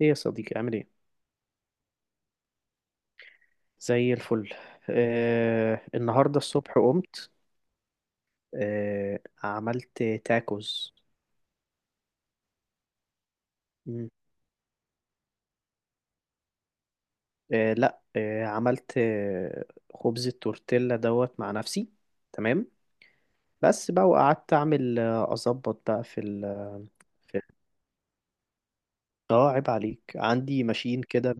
ايه يا صديقي، عامل ايه؟ زي الفل. النهارده الصبح قمت. عملت تاكوز. مم. لا، عملت خبز التورتيلا دوت مع نفسي. تمام. بس بقى، وقعدت اعمل، اظبط بقى في ال في اه، عيب عليك، عندي ماشين كده.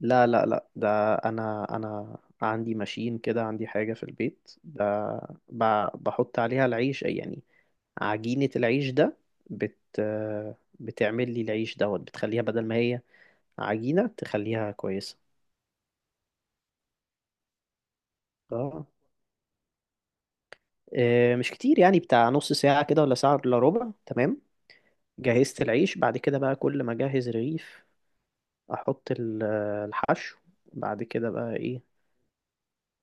لا لا لا، ده انا عندي ماشين كده، عندي حاجة في البيت ب... بحط عليها العيش يعني، عجينة العيش ده، بت بتعمل لي العيش دوت، بتخليها بدل ما هي عجينة، تخليها كويسة. اه. مش كتير يعني، بتاع نص ساعة كده ولا ساعة إلا ربع. تمام. جهزت العيش، بعد كده بقى كل ما أجهز رغيف أحط الحشو. بعد كده بقى إيه؟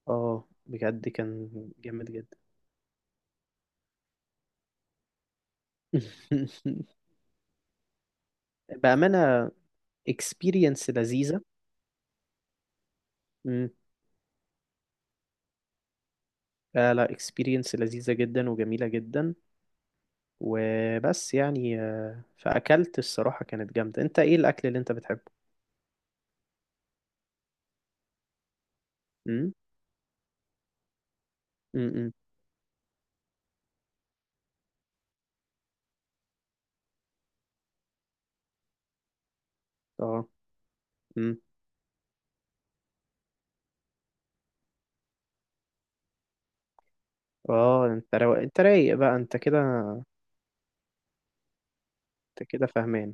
اه، بجد كان جامد جدا. بأمانة experience لذيذة. مم. لا لا، experience لذيذة جدا وجميلة جدا. وبس يعني، فأكلت الصراحة كانت جامدة. انت ايه الأكل اللي انت بتحبه؟ امم. امم. اه. امم. اه، انت رايق بقى انت كده، انت كده فاهمان.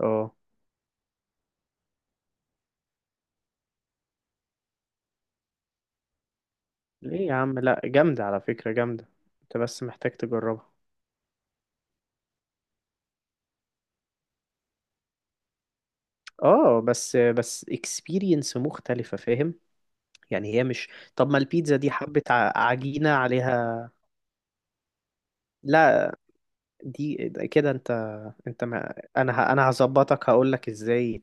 اه. ليه يا عم؟ لا، جامدة على فكرة، جامدة. انت بس محتاج تجربها. اه، بس اكسبيرينس مختلفة، فاهم؟ يعني هي مش، طب ما البيتزا دي حبة عجينة عليها. لا، دي كده انت، انت ما... انا ه... انا هظبطك هقولك ازاي،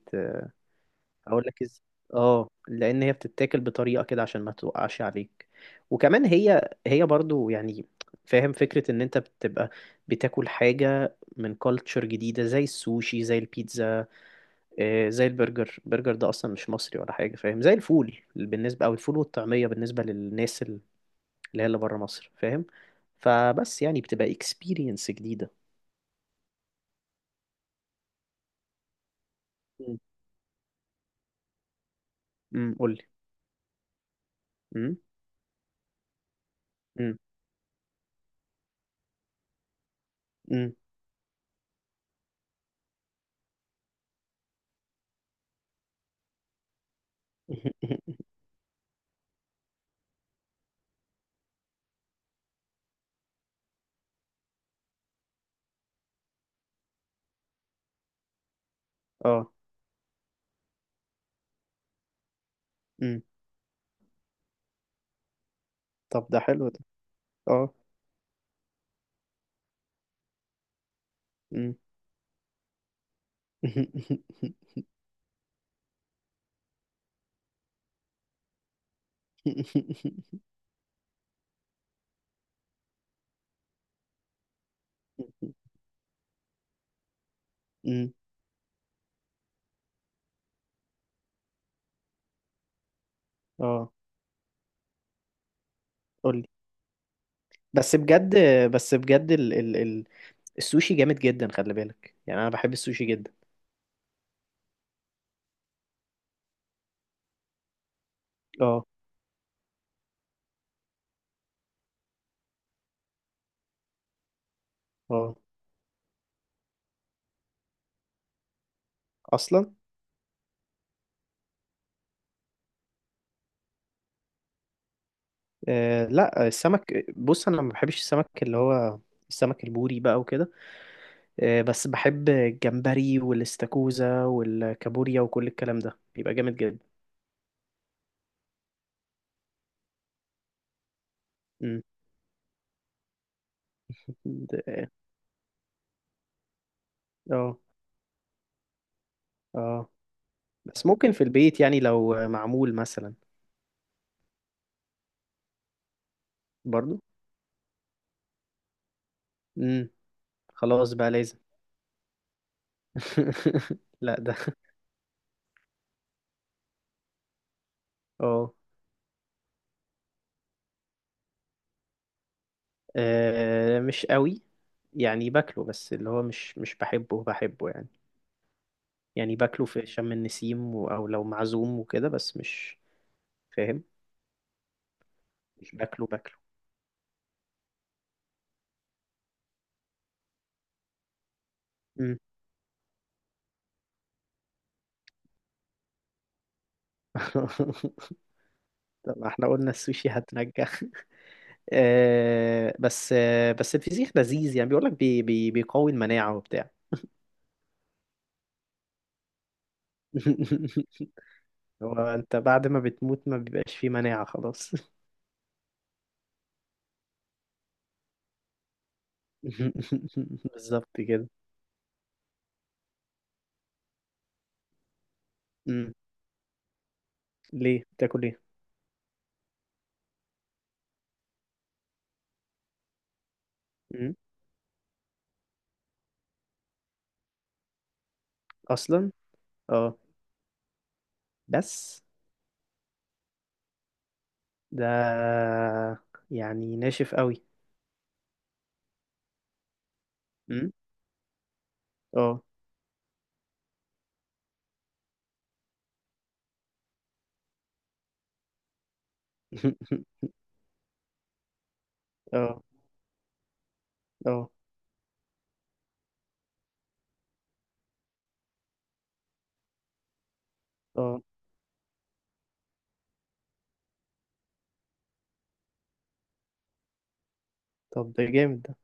اقول لك إز... اه، لان هي بتتاكل بطريقه كده عشان ما توقعش عليك. وكمان هي برضو يعني، فاهم فكره ان انت بتبقى بتاكل حاجه من كالتشر جديده، زي السوشي، زي البيتزا، زي البرجر. البرجر ده اصلا مش مصري ولا حاجه، فاهم؟ زي الفول بالنسبه، او الفول والطعميه بالنسبه للناس اللي هي اللي بره مصر، فاهم؟ فبس يعني بتبقى اكسبيرينس جديده. امم. أمم، قول لي. امم. امم. أمم. اه. امم. طب ده حلو ده. اه. أمم، اه. قولي. بس بجد، بس بجد، ال السوشي جامد جدا، خلي بالك، يعني انا بحب السوشي جدا. اه. اه. اصلا. آه، لا، السمك بص انا ما بحبش السمك اللي هو السمك البوري بقى وكده. آه، بس بحب الجمبري والاستاكوزا والكابوريا، وكل الكلام ده بيبقى جامد جدا. أمم، اه. اه. آه. بس ممكن في البيت يعني، لو معمول مثلا. برضو. امم. خلاص بقى، لازم. لا ده. اه. مش قوي، يعني باكله بس اللي هو مش بحبه بحبه، يعني. يعني باكله في شم النسيم، او لو معزوم وكده، بس مش، فاهم، مش باكله باكله. مم. طب ما احنا قلنا السوشي هتنجح. آه بس الفسيخ لذيذ، يعني بيقول لك بي بي بيقوي المناعة وبتاع. هو انت بعد ما بتموت ما بيبقاش فيه مناعة، خلاص. بالظبط كده. مم. ليه؟ بتاكل ايه؟ مم. اصلا. اه. بس. ده يعني ناشف قوي. مم. اه. اه. اه. اه. طب ده جامد ده.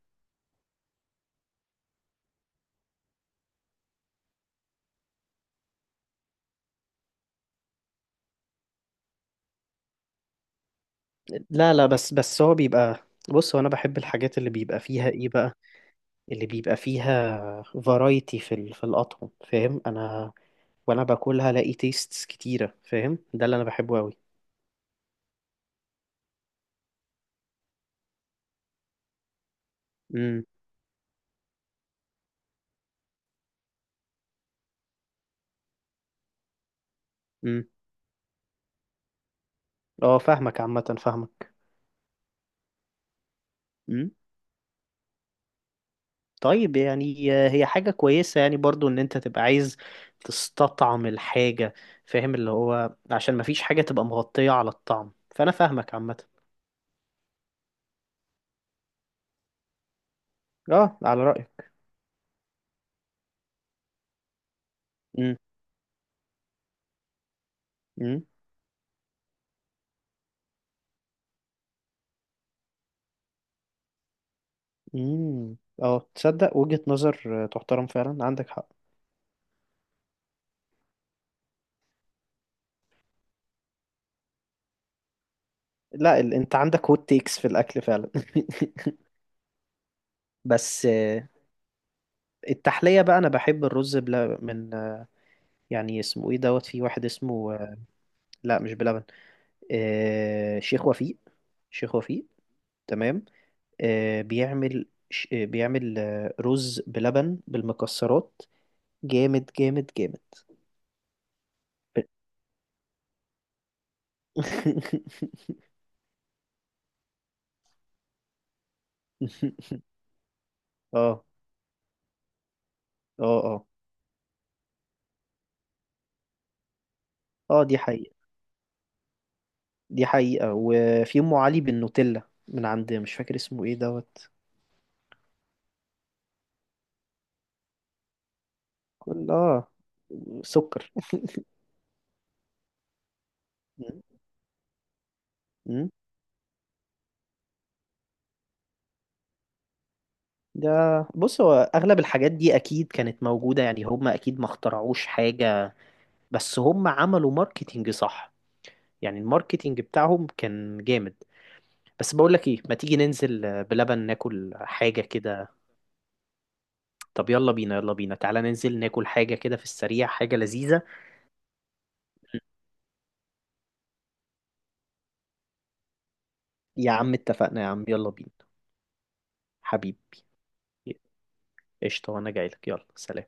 لا لا، بس هو بيبقى، بص هو انا بحب الحاجات اللي بيبقى فيها ايه بقى؟ اللي بيبقى فيها فرايتي في الاطعم، فاهم؟ انا وانا باكلها الاقي تيستس كتيره، فاهم؟ ده اللي انا بحبه قوي. امم. امم. اه، فاهمك عامه. فاهمك. طيب يعني هي حاجة كويسة يعني برضو ان انت تبقى عايز تستطعم الحاجة، فاهم؟ اللي هو عشان مفيش حاجة تبقى مغطية على الطعم. فانا فاهمك عامة. اه، على رأيك. امم. امم. امم. اه، تصدق وجهة نظر، تحترم فعلا، عندك حق. لا انت عندك هوت تيكس في الاكل فعلا. بس التحلية بقى، انا بحب الرز بلبن من، يعني اسمه ايه دوت، في واحد اسمه، لا مش بلبن، شيخ وفيق. شيخ وفيق، تمام. بيعمل بيعمل رز بلبن بالمكسرات. جامد جامد جامد. اه اه اه. اه. دي حقيقة. دي حقيقة. وفي أم علي بالنوتيلا من عند، مش فاكر اسمه ايه دوت. كل اه. سكر. مم. مم. ده بص، هو أغلب الحاجات دي أكيد كانت موجودة، يعني هم أكيد ما اخترعوش حاجة، بس هم عملوا ماركتينج، صح؟ يعني الماركتينج بتاعهم كان جامد. بس بقول لك ايه، ما تيجي ننزل، بلبن، ناكل حاجة كده. طب يلا بينا، يلا بينا، تعالى ننزل ناكل حاجة كده في السريع، حاجة لذيذة. يا عم اتفقنا يا عم، يلا بينا. حبيبي، قشطة، وانا جاي لك. يلا سلام.